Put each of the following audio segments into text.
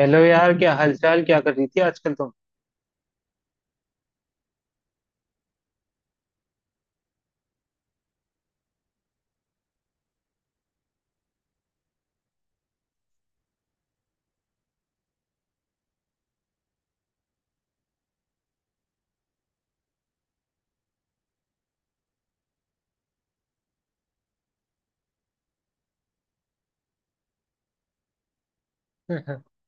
Hello यार, क्या हालचाल? क्या कर रही थी आजकल तुम?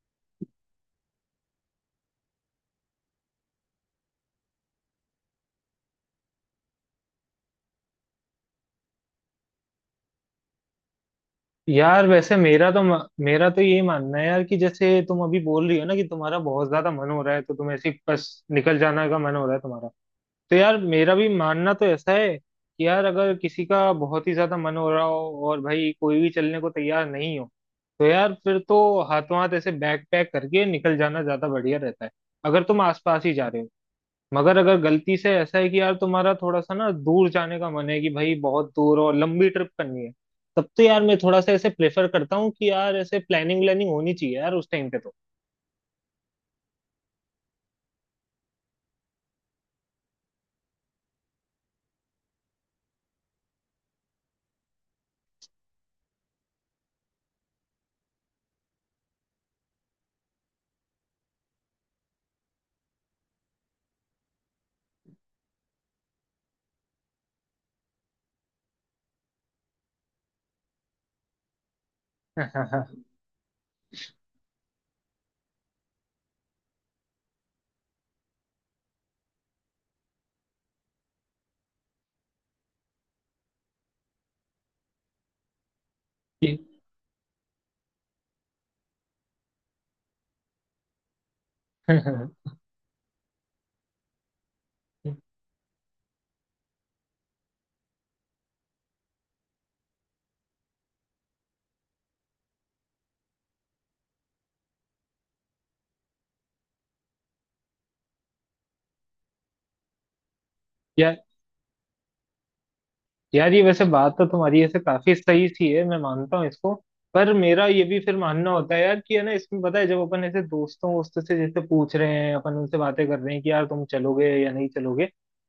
यार वैसे मेरा तो ये मानना है यार कि जैसे तुम अभी बोल रही हो ना कि तुम्हारा बहुत ज्यादा मन हो रहा है, तो तुम ऐसे ही बस निकल जाना का मन हो रहा है तुम्हारा। तो यार मेरा भी मानना तो ऐसा है कि यार अगर किसी का बहुत ही ज्यादा मन हो रहा हो और भाई कोई भी चलने को तैयार नहीं हो, तो यार फिर तो हाथों हाथ ऐसे बैग पैक करके निकल जाना ज्यादा बढ़िया रहता है, अगर तुम आसपास ही जा रहे हो। मगर अगर गलती से ऐसा है कि यार तुम्हारा थोड़ा सा ना दूर जाने का मन है, कि भाई बहुत दूर और लंबी ट्रिप करनी है, तब तो यार मैं थोड़ा सा ऐसे प्रेफर करता हूँ कि यार ऐसे प्लानिंग व्लानिंग होनी चाहिए यार उस टाइम पे तो। कि- यार यार ये वैसे बात तो तुम्हारी ऐसे काफी सही सी है, मैं मानता हूँ इसको। पर मेरा ये भी फिर मानना होता है यार कि है ना, इसमें पता है जब अपन ऐसे दोस्तों वोस्तों से जैसे पूछ रहे हैं, अपन उनसे बातें कर रहे हैं कि यार तुम चलोगे या नहीं चलोगे,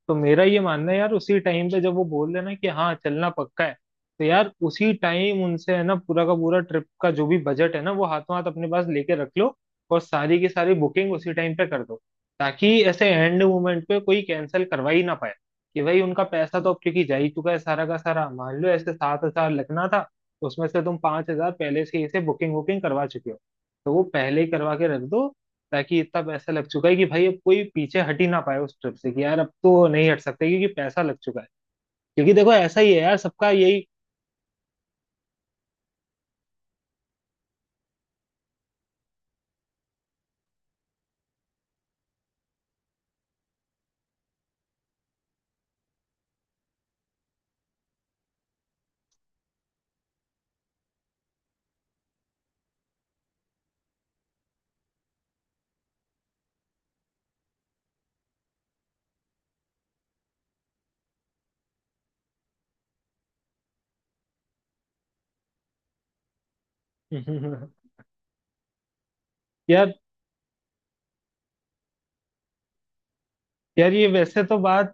तो मेरा ये मानना है यार, उसी टाइम पे जब वो बोल रहे हैं ना कि हाँ चलना पक्का है, तो यार उसी टाइम उनसे है ना पूरा का पूरा ट्रिप का जो भी बजट है ना, वो हाथों हाथ अपने पास लेके रख लो, और सारी की सारी बुकिंग उसी टाइम पे कर दो, ताकि ऐसे एंड मोमेंट पे कोई कैंसिल करवा ही ना पाए। कि भाई उनका पैसा तो अब क्योंकि जा ही चुका है सारा का सारा, मान लो ऐसे 7 हजार लगना था, उसमें से तुम 5 हजार पहले से इसे बुकिंग वुकिंग करवा चुके हो, तो वो पहले ही करवा के रख दो, ताकि इतना पैसा लग चुका है कि भाई अब कोई पीछे हट ही ना पाए उस ट्रिप से, कि यार अब तो नहीं हट सकते क्योंकि पैसा लग चुका है। क्योंकि देखो ऐसा ही है यार सबका यही। यार यार ये वैसे तो बात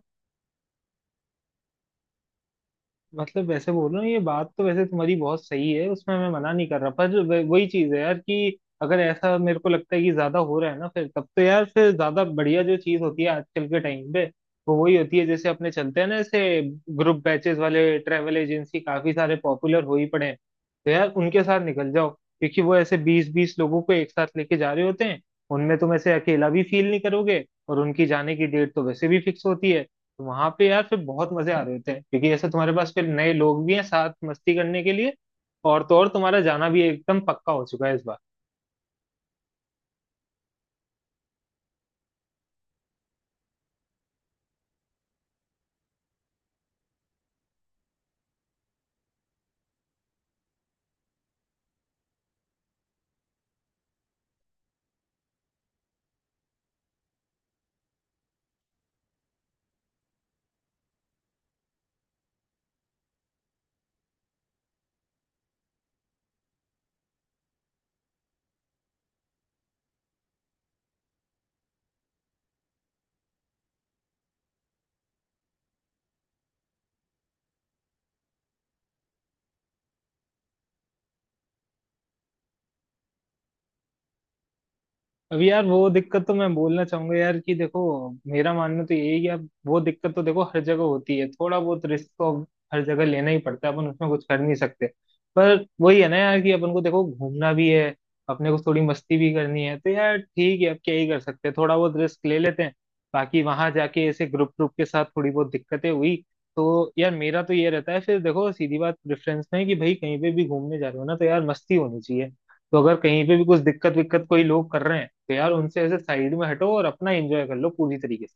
मतलब वैसे बोल रहा हूँ, ये बात तो वैसे तुम्हारी बहुत सही है, उसमें मैं मना नहीं कर रहा, पर जो वही चीज है यार कि अगर ऐसा मेरे को लगता है कि ज्यादा हो रहा है ना, फिर तब तो यार फिर ज्यादा बढ़िया जो चीज होती है आजकल के टाइम पे, वो वही होती है जैसे अपने चलते हैं ना ऐसे, ग्रुप बैचेस वाले ट्रेवल एजेंसी काफी सारे पॉपुलर हो ही पड़े हैं। तो यार उनके साथ निकल जाओ, क्योंकि वो ऐसे बीस बीस लोगों को एक साथ लेके जा रहे होते हैं। उनमें तुम ऐसे अकेला भी फील नहीं करोगे, और उनकी जाने की डेट तो वैसे भी फिक्स होती है। तो वहां पे यार फिर बहुत मजे आ रहे होते हैं, क्योंकि ऐसे तुम्हारे पास फिर नए लोग भी हैं साथ मस्ती करने के लिए, और तो और तुम्हारा जाना भी एकदम पक्का हो चुका है इस बार। अभी यार वो दिक्कत तो मैं बोलना चाहूंगा यार कि देखो, मेरा मानना तो यही है कि यार वो दिक्कत तो देखो हर जगह होती है, थोड़ा बहुत रिस्क तो अब हर जगह लेना ही पड़ता है, अपन उसमें कुछ कर नहीं सकते। पर वही है ना यार, कि अपन को देखो घूमना भी है, अपने को थोड़ी मस्ती भी करनी है, तो यार ठीक है, अब क्या ही कर सकते हैं, थोड़ा बहुत रिस्क ले लेते हैं। बाकी वहां जाके ऐसे ग्रुप ग्रुप के साथ थोड़ी बहुत दिक्कतें हुई तो यार मेरा तो ये रहता है, फिर देखो सीधी बात प्रेफरेंस में है कि भाई कहीं पे भी घूमने जा रहे हो ना, तो यार मस्ती होनी चाहिए। तो अगर कहीं पे भी कुछ दिक्कत विक्कत कोई लोग कर रहे हैं, तो यार उनसे ऐसे साइड में हटो और अपना एंजॉय कर लो पूरी तरीके से।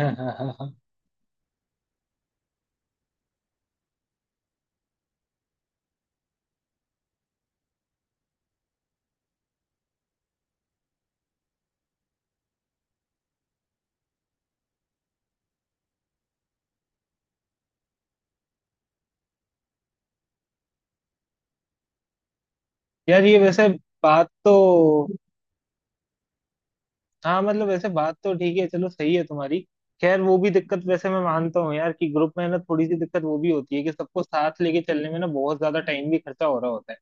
हाँ, हाँ, हाँ, हाँ। यार ये वैसे बात तो हाँ, मतलब वैसे बात तो ठीक है, चलो सही है तुम्हारी। खैर वो भी दिक्कत वैसे मैं मानता हूँ यार, कि ग्रुप में ना थोड़ी सी दिक्कत वो भी होती है कि सबको साथ लेके चलने में ना बहुत ज्यादा टाइम भी खर्चा हो रहा होता है,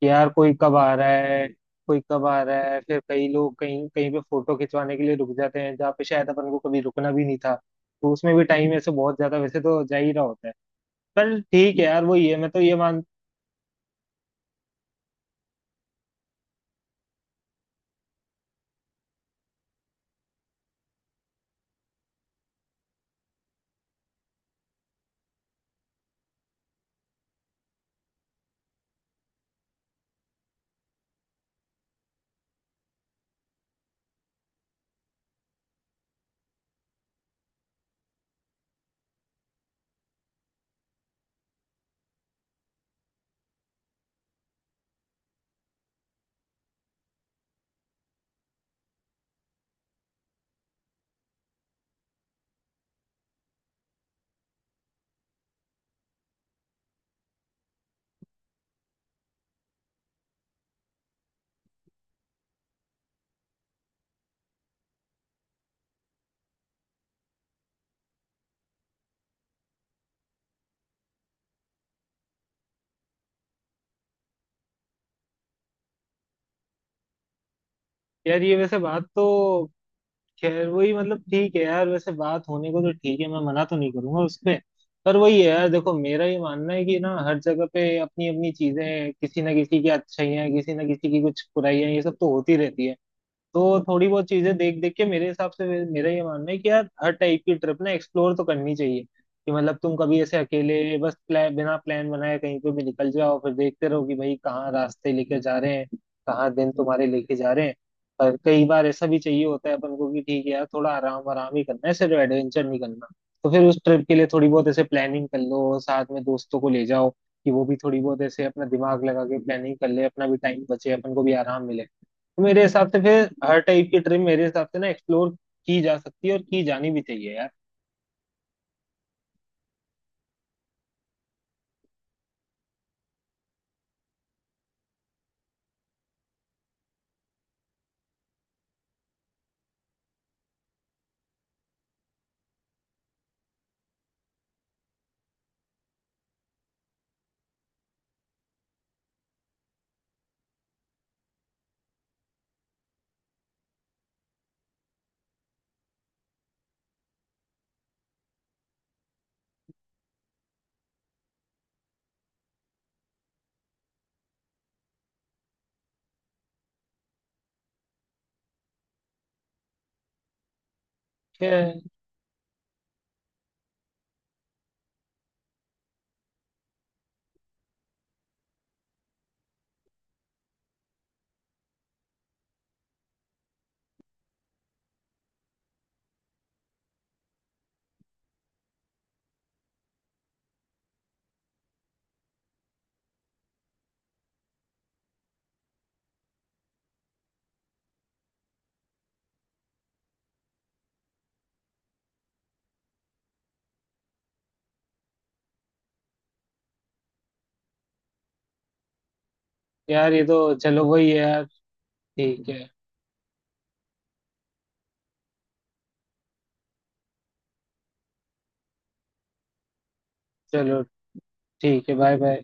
कि यार कोई कब आ रहा है, कोई कब आ रहा है, फिर कई लोग कहीं कहीं पे फोटो खिंचवाने के लिए रुक जाते हैं जहाँ पे शायद अपन को कभी रुकना भी नहीं था, तो उसमें भी टाइम ऐसे बहुत ज्यादा वैसे तो जा ही रहा होता है। पर ठीक है यार, वही है, मैं तो ये मान, यार ये वैसे बात तो खैर वही, मतलब ठीक है यार, वैसे बात होने को तो ठीक है, मैं मना तो नहीं करूंगा उस पे। पर वही है यार, देखो मेरा ये मानना है कि ना हर जगह पे अपनी अपनी चीजें, किसी ना किसी की अच्छाई है, किसी ना किसी की कुछ बुराइयां, ये सब तो होती रहती है। तो थोड़ी बहुत चीजें देख देख के मेरे हिसाब से, मेरा ये मानना है कि यार हर टाइप की ट्रिप ना एक्सप्लोर तो करनी चाहिए, कि मतलब तुम कभी ऐसे अकेले बस प्लान, बिना प्लान बनाए कहीं पे भी निकल जाओ, फिर देखते रहो कि भाई कहाँ रास्ते लेके जा रहे हैं, कहाँ दिन तुम्हारे लेके जा रहे हैं। और कई बार ऐसा भी चाहिए होता है अपन को कि ठीक है यार, थोड़ा आराम आराम ही करना है, सिर्फ एडवेंचर नहीं करना, तो फिर उस ट्रिप के लिए थोड़ी बहुत ऐसे प्लानिंग कर लो, साथ में दोस्तों को ले जाओ, कि वो भी थोड़ी बहुत ऐसे अपना दिमाग लगा के प्लानिंग कर ले, अपना भी टाइम बचे, अपन को भी आराम मिले। तो मेरे हिसाब से फिर हर टाइप की ट्रिम मेरे हिसाब से ना एक्सप्लोर की जा सकती है, और की जानी भी चाहिए यार। ठीक है यार, ये तो चलो वही है यार। ठीक है, चलो, ठीक है, बाय बाय।